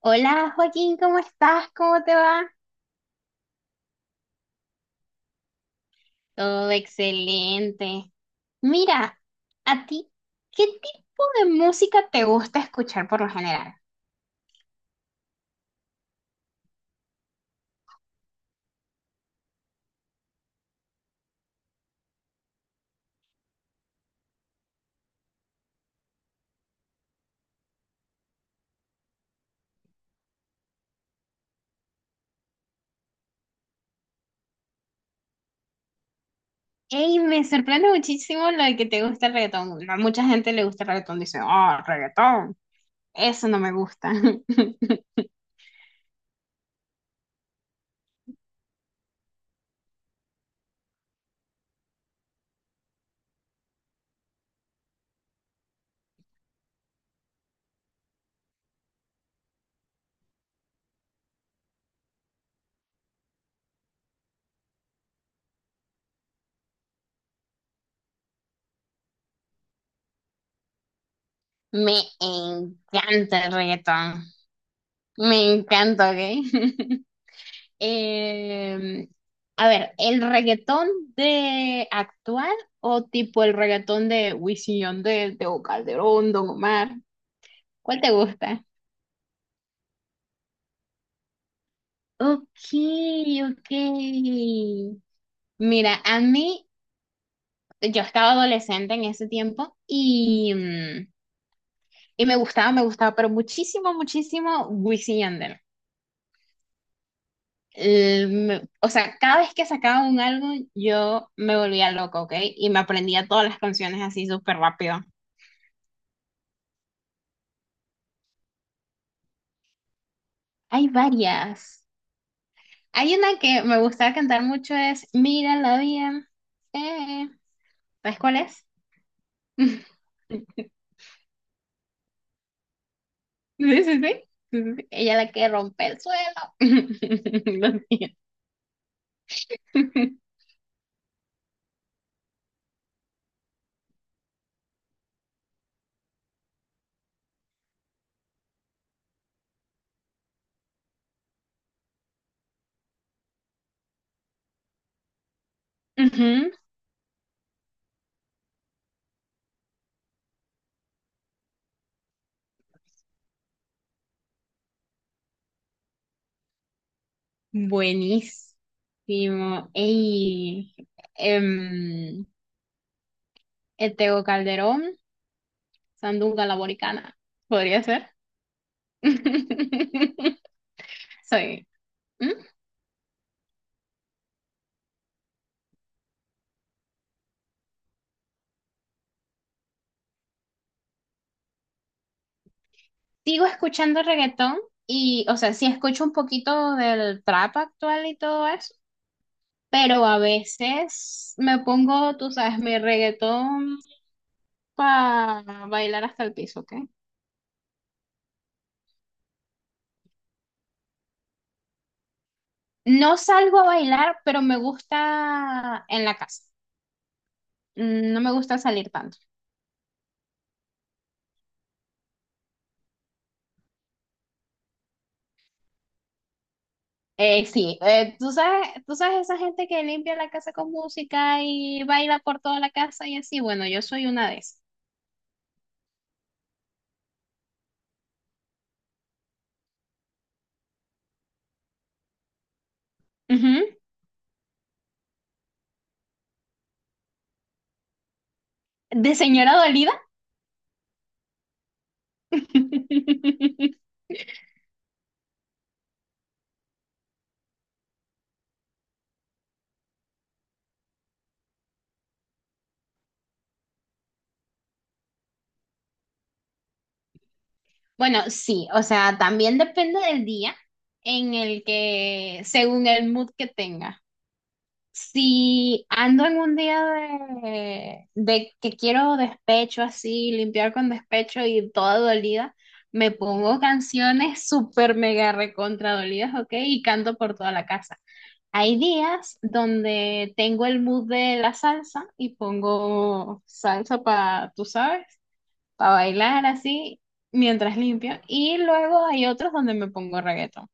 Hola Joaquín, ¿cómo estás? ¿Cómo te va? Todo excelente. Mira, a ti, ¿qué tipo de música te gusta escuchar por lo general? Ey, me sorprende muchísimo lo de que te gusta el reggaetón. A mucha gente le gusta el reggaetón, dice, oh, reggaetón, eso no me gusta. Me encanta el reggaetón, me encanta, ¿ok? Eh, a ver, ¿el reggaetón de actual o tipo el reggaetón de Wisin y Yandel, Tego Calderón, Don Omar? ¿Cuál te gusta? Ok, ok. Mira, a mí, yo estaba adolescente en ese tiempo y, y me gustaba, pero muchísimo Wisin y Yandel. O sea, cada vez que sacaba un álbum, yo me volvía loca, ¿ok? Y me aprendía todas las canciones así súper rápido. Hay varias. Hay una que me gusta cantar mucho es Mírala bien. Eh, ¿Sabes cuál es? sí, sí. Sí, sí, sí. Ella la que rompe el suelo. Lo siento. Ujú. Buenísimo. Ey, em, el Tego Calderón, Sandunga la Boricana. ¿Podría ser? Soy. Sigo escuchando reggaetón y, o sea, sí escucho un poquito del trap actual y todo eso, pero a veces me pongo, tú sabes, mi reggaetón para bailar hasta el piso, ¿ok? No salgo a bailar, pero me gusta en la casa. Mm, no me gusta salir tanto. Sí, tú sabes esa gente que limpia la casa con música y baila por toda la casa y así, bueno, yo soy una de esas. Ujú. De señora dolida. Bueno, sí, o sea, también depende del día en el que, según el mood que tenga. Si ando en un día de que quiero despecho así, limpiar con despecho y toda dolida, me pongo canciones súper mega recontra dolidas, ¿ok? Y canto por toda la casa. Hay días donde tengo el mood de la salsa y pongo salsa para, tú sabes, para bailar así mientras limpio. Y luego hay otros donde me pongo reggaetón.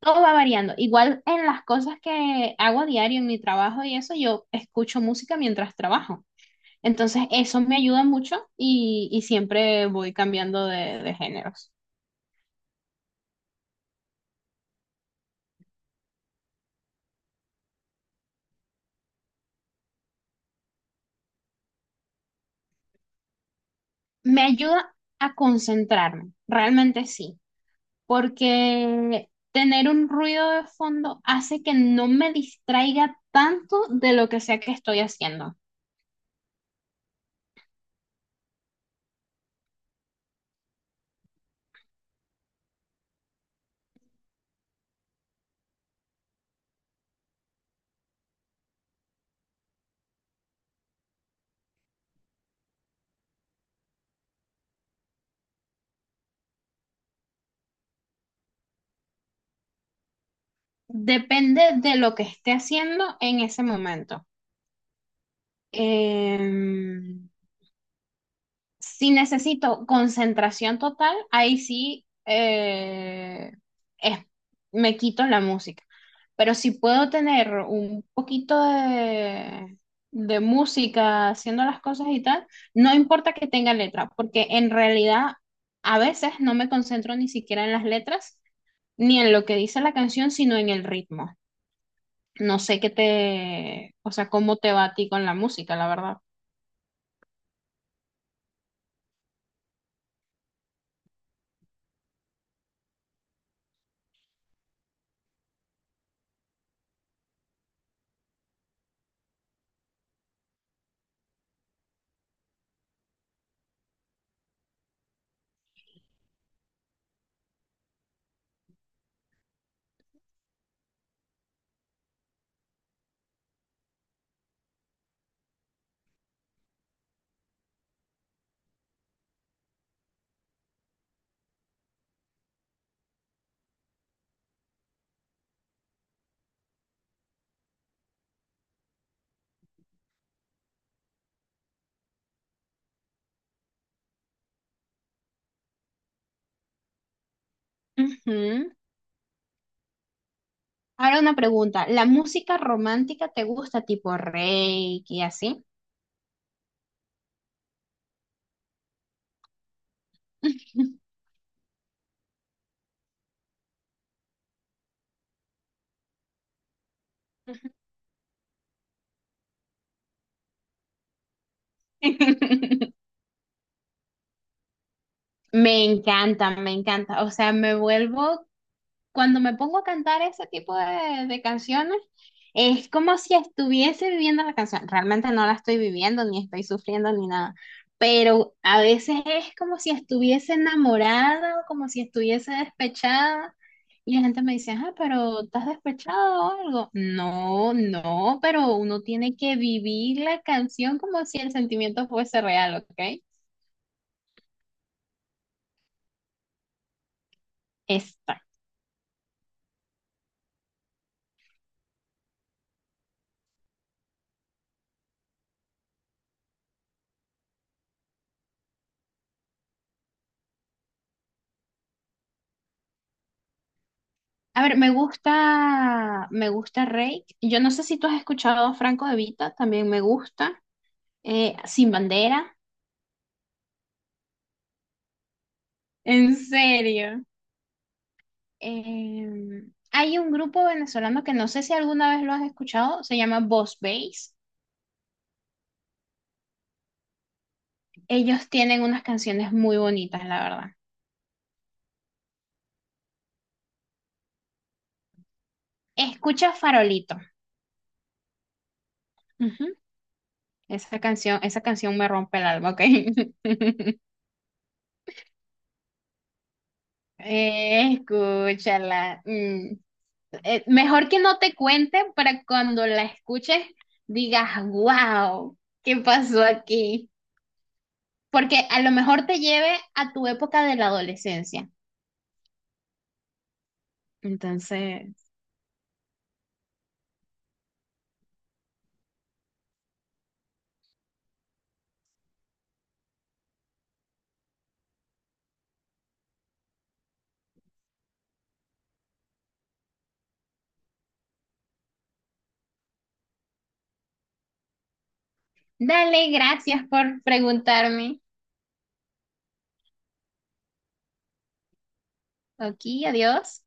Todo va variando. Igual en las cosas que hago a diario en mi trabajo y eso, yo escucho música mientras trabajo. Entonces eso me ayuda mucho y siempre voy cambiando de géneros. Me ayuda a concentrarme, realmente sí, porque tener un ruido de fondo hace que no me distraiga tanto de lo que sea que estoy haciendo. Depende de lo que esté haciendo en ese momento. Em, si necesito concentración total, ahí sí, es- me quito la música. Pero si puedo tener un poquito de música haciendo las cosas y tal, no importa que tenga letra, porque en realidad a veces no me concentro ni siquiera en las letras ni en lo que dice la canción, sino en el ritmo. No sé qué te, o sea, cómo te va a ti con la música, la verdad. Ujú. Ahora una pregunta, ¿la música romántica te gusta tipo reiki y así? Me encanta, me encanta. O sea, me vuelvo cuando me pongo a cantar ese tipo de canciones, es como si estuviese viviendo la canción. Realmente no la estoy viviendo, ni estoy sufriendo, ni nada. Pero a veces es como si estuviese enamorada o como si estuviese despechada. Y la gente me dice, ah, pero ¿estás despechada o algo? No, no, pero uno tiene que vivir la canción como si el sentimiento fuese real, ¿ok? Exacto. A ver, me gusta Rake. Yo no sé si tú has escuchado a Franco De Vita, también me gusta. Sin Bandera. En serio. Eh, Hay un grupo venezolano que no sé si alguna vez lo has escuchado, se llama Boss Bass. Ellos tienen unas canciones muy bonitas, la verdad. Escucha Farolito. Ujú. Esa canción me rompe el alma, ¿ok? Escúchala. Mm. Mejor que no te cuente para cuando la escuches digas, wow, ¿qué pasó aquí? Porque a lo mejor te lleve a tu época de la adolescencia. Entonces, dale, gracias por preguntarme. Aquí, adiós.